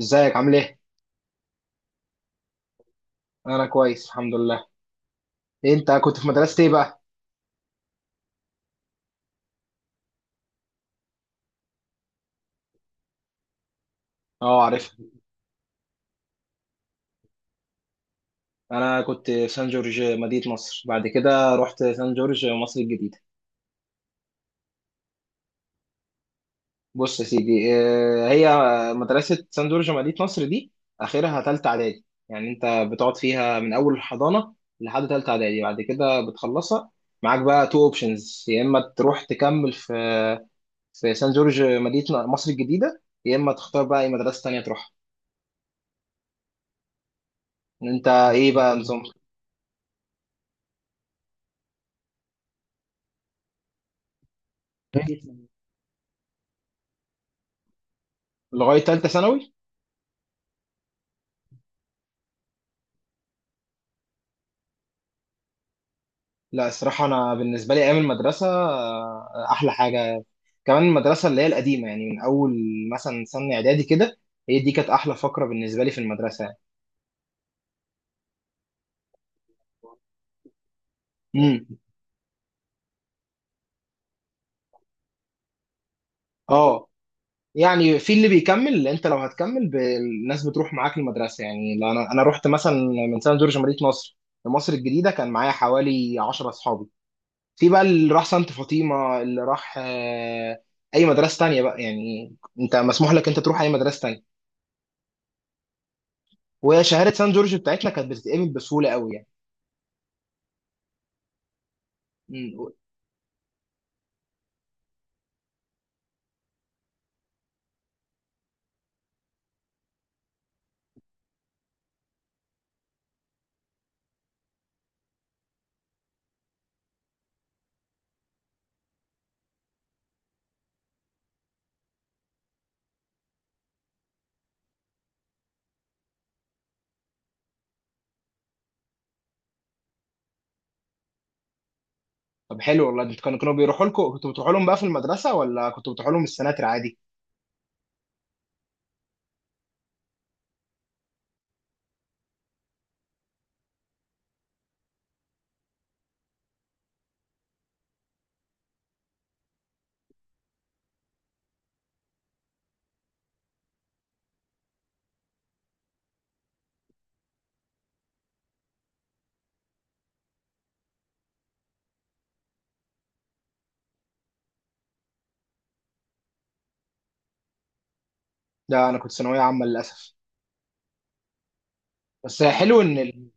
ازيك عامل ايه؟ انا كويس الحمد لله. انت كنت في مدرسة ايه بقى؟ اه، عارفها. انا كنت في سان جورج مدينة نصر، بعد كده رحت سان جورج مصر الجديدة. بص يا سيدي، هي مدرسة سان جورج مدينة نصر دي اخرها تالتة اعدادي، يعني انت بتقعد فيها من اول الحضانة لحد تالتة اعدادي، بعد كده بتخلصها معاك بقى تو اوبشنز، يا اما تروح تكمل في سان جورج مدينة مصر الجديدة، يا اما تختار بقى اي مدرسة تانية تروحها. انت ايه بقى نظام؟ لغايه ثالثه ثانوي. لا، الصراحه انا بالنسبه لي ايام المدرسه احلى حاجه، كمان المدرسه اللي هي القديمه، يعني من اول مثلا سنه اعدادي كده، هي دي كانت احلى فقره بالنسبه لي في المدرسه يعني. امم. اه، يعني في اللي بيكمل، انت لو هتكمل الناس بتروح معاك المدرسه، يعني لو انا رحت مثلا من سنه جورج مدينه نصر لمصر الجديده كان معايا حوالي 10 اصحابي، في بقى اللي راح سانت فاطمه، اللي راح اي مدرسه تانية بقى يعني. انت مسموح لك انت تروح اي مدرسه تانية، وهي شهاده سان جورج بتاعتنا كانت بتتقبل بسهوله قوي يعني. مم. طب حلو والله، انتوا كانوا بيروحوا لكم، كنتوا بتروحوا لهم بقى في المدرسه، ولا كنتوا بتروحوا لهم السناتر عادي؟ لا، انا كنت ثانويه عامه للاسف. بس حلو ان ال...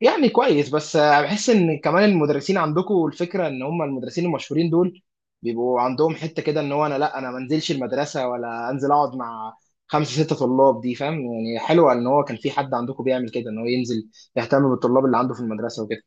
يعني كويس، بس بحس ان كمان المدرسين عندكم الفكره ان هم المدرسين المشهورين دول بيبقوا عندهم حته كده، ان هو انا لا، انا ما انزلش المدرسه، ولا انزل اقعد مع خمسه سته طلاب دي، فاهم يعني؟ حلوه ان هو كان في حد عندكم بيعمل كده، ان هو ينزل يهتم بالطلاب اللي عنده في المدرسه وكده.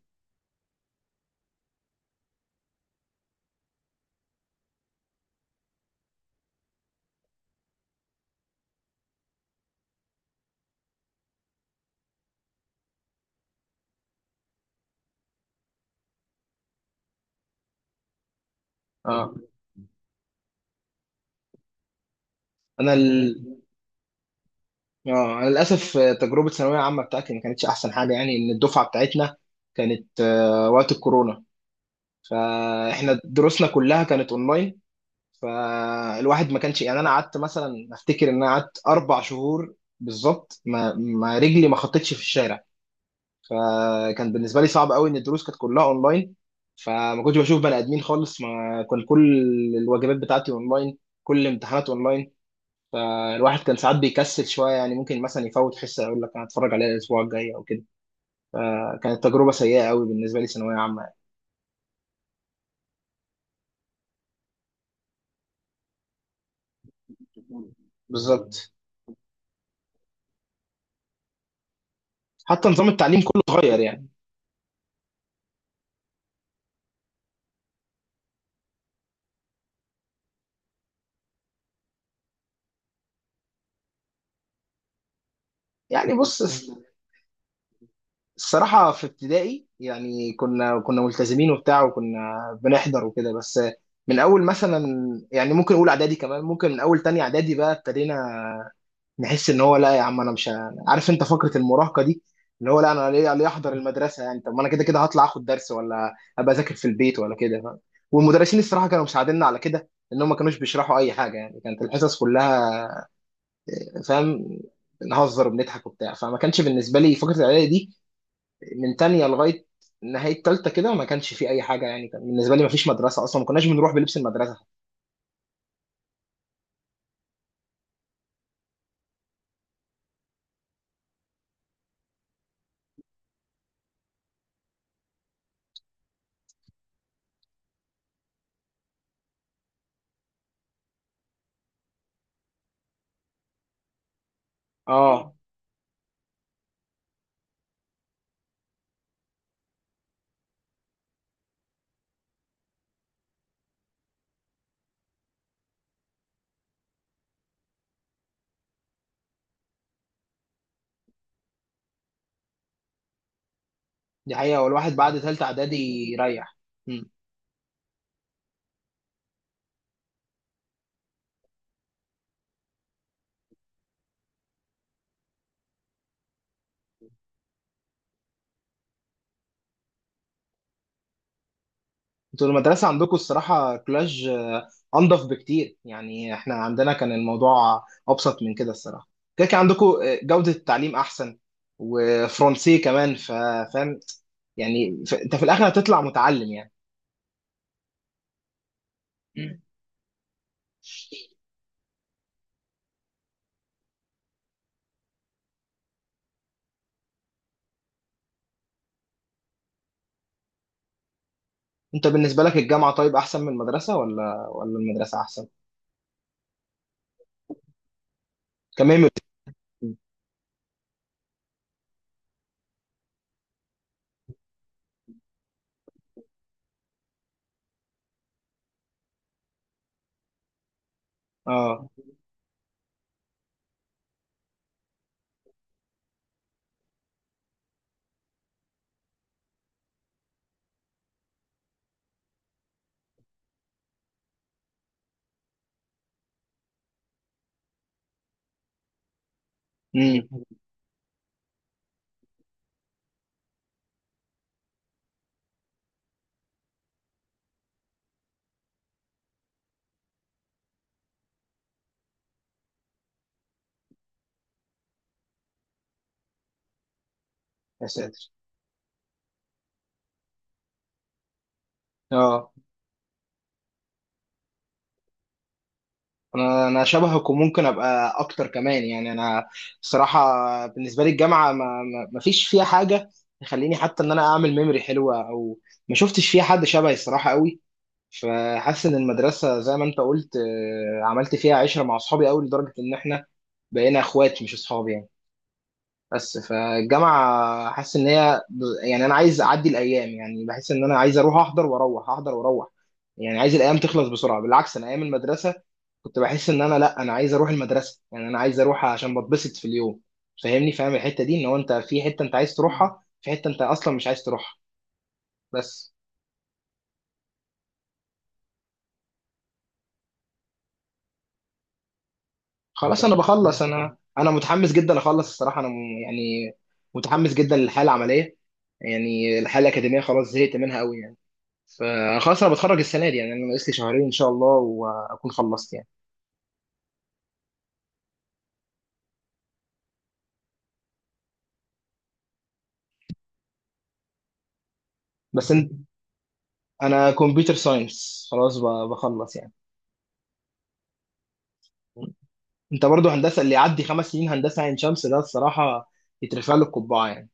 اه. انا ال... اه، انا للاسف تجربه ثانويه عامه بتاعتي ما كانتش احسن حاجه، يعني ان الدفعه بتاعتنا كانت وقت الكورونا، فاحنا دروسنا كلها كانت اونلاين، فالواحد ما كانش يعني، انا قعدت مثلا افتكر ان انا قعدت اربع شهور بالظبط ما رجلي ما خطتش في الشارع، فكان بالنسبه لي صعب قوي ان الدروس كانت كلها اونلاين، فما كنتش بشوف بني ادمين خالص، ما كان كل الواجبات بتاعتي اونلاين، كل الامتحانات اونلاين، فالواحد كان ساعات بيكسل شويه، يعني ممكن مثلا يفوت حصه يقول لك انا هتفرج عليها الاسبوع الجاي او كده، فكانت تجربه سيئه قوي بالنسبه لي ثانويه عامه يعني. بالظبط، حتى نظام التعليم كله اتغير يعني. يعني بص، الصراحة في ابتدائي يعني كنا ملتزمين وبتاع، وكنا بنحضر وكده، بس من أول مثلا، يعني ممكن أقول إعدادي كمان، ممكن من أول تانية إعدادي بقى ابتدينا نحس ان هو لا يا عم، انا مش عارف، انت فكره المراهقه دي، اللي هو لا انا ليه احضر المدرسه يعني؟ طب ما انا كده كده هطلع اخد درس، ولا ابقى اذاكر في البيت، ولا كده، فاهم؟ والمدرسين الصراحه كانوا مساعديننا على كده، ان هم ما كانوش بيشرحوا اي حاجه، يعني كانت الحصص كلها، فاهم، نهزر وبنضحك وبتاع، فما كانش بالنسبه لي فكره الاعدادي دي من تانية لغايه نهايه تالتة كده، ما كانش في اي حاجه، يعني كان بالنسبه لي ما فيش مدرسه اصلا، ما كناش بنروح بلبس المدرسه. اه، دي حقيقه، والواحد بعد تالتة اعدادي يريح. انتوا المدرسة عندكم الصراحة كلاج، أنضف بكتير، يعني احنا عندنا كان الموضوع أبسط من كده الصراحة، كده كان عندكم جودة التعليم أحسن، وفرنسي كمان، فاهم، يعني انت في الآخر هتطلع متعلم يعني. مم. انت بالنسبة لك الجامعة، طيب، أحسن من المدرسة، ولا المدرسة أحسن؟ كمان. اه. امم. يا ساتر. اه، انا شبهك، وممكن ابقى اكتر كمان، يعني انا الصراحه بالنسبه لي الجامعه ما فيش فيها حاجه تخليني حتى ان انا اعمل ميموري حلوه، او ما شفتش فيها حد شبهي الصراحه قوي، فحاسس ان المدرسه زي ما انت قلت، عملت فيها عشره مع اصحابي قوي لدرجه ان احنا بقينا اخوات مش اصحاب يعني. بس فالجامعة حاسس إن هي، يعني أنا عايز أعدي الأيام، يعني بحس إن أنا عايز أروح أحضر، وأروح أحضر وأروح، يعني عايز الأيام تخلص بسرعة. بالعكس أنا أيام المدرسة كنت بحس إن أنا لأ، أنا عايز أروح المدرسة، يعني أنا عايز أروح عشان بتبسط في اليوم. فاهمني، فاهم الحتة دي، إن هو أنت في حتة أنت عايز تروحها، في حتة أنت أصلا مش عايز تروحها. بس خلاص، أنا بخلص، أنا متحمس جدا أخلص الصراحة، أنا يعني متحمس جدا للحالة العملية، يعني الحالة الأكاديمية خلاص زهقت منها قوي يعني. فخلاص انا بتخرج السنه دي، يعني انا ناقص لي شهرين ان شاء الله واكون خلصت يعني. بس انت، انا كمبيوتر ساينس خلاص، بخلص يعني. انت برضو هندسه، اللي يعدي خمس سنين هندسه عين شمس ده الصراحه يترفع له القبعه يعني.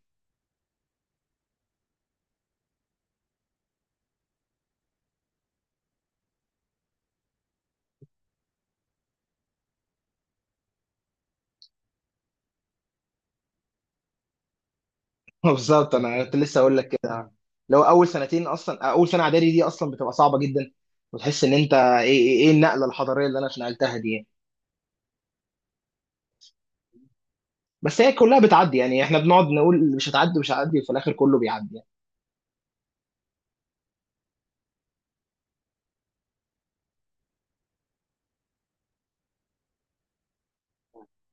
بالظبط، انا كنت لسه اقول لك كده، لو اول سنتين، اصلا اول سنه اعدادي دي اصلا بتبقى صعبه جدا، وتحس ان انت ايه، إيه النقله الحضاريه اللي انا اتنقلتها دي يعني. بس هي كلها بتعدي، يعني احنا بنقعد نقول مش هتعدي مش هتعدي، وفي الاخر كله بيعدي يعني.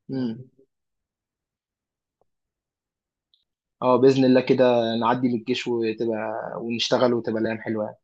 مم. اه، باذن الله كده نعدي من الجيش، وتبقى ونشتغل وتبقى الايام حلوه يعني.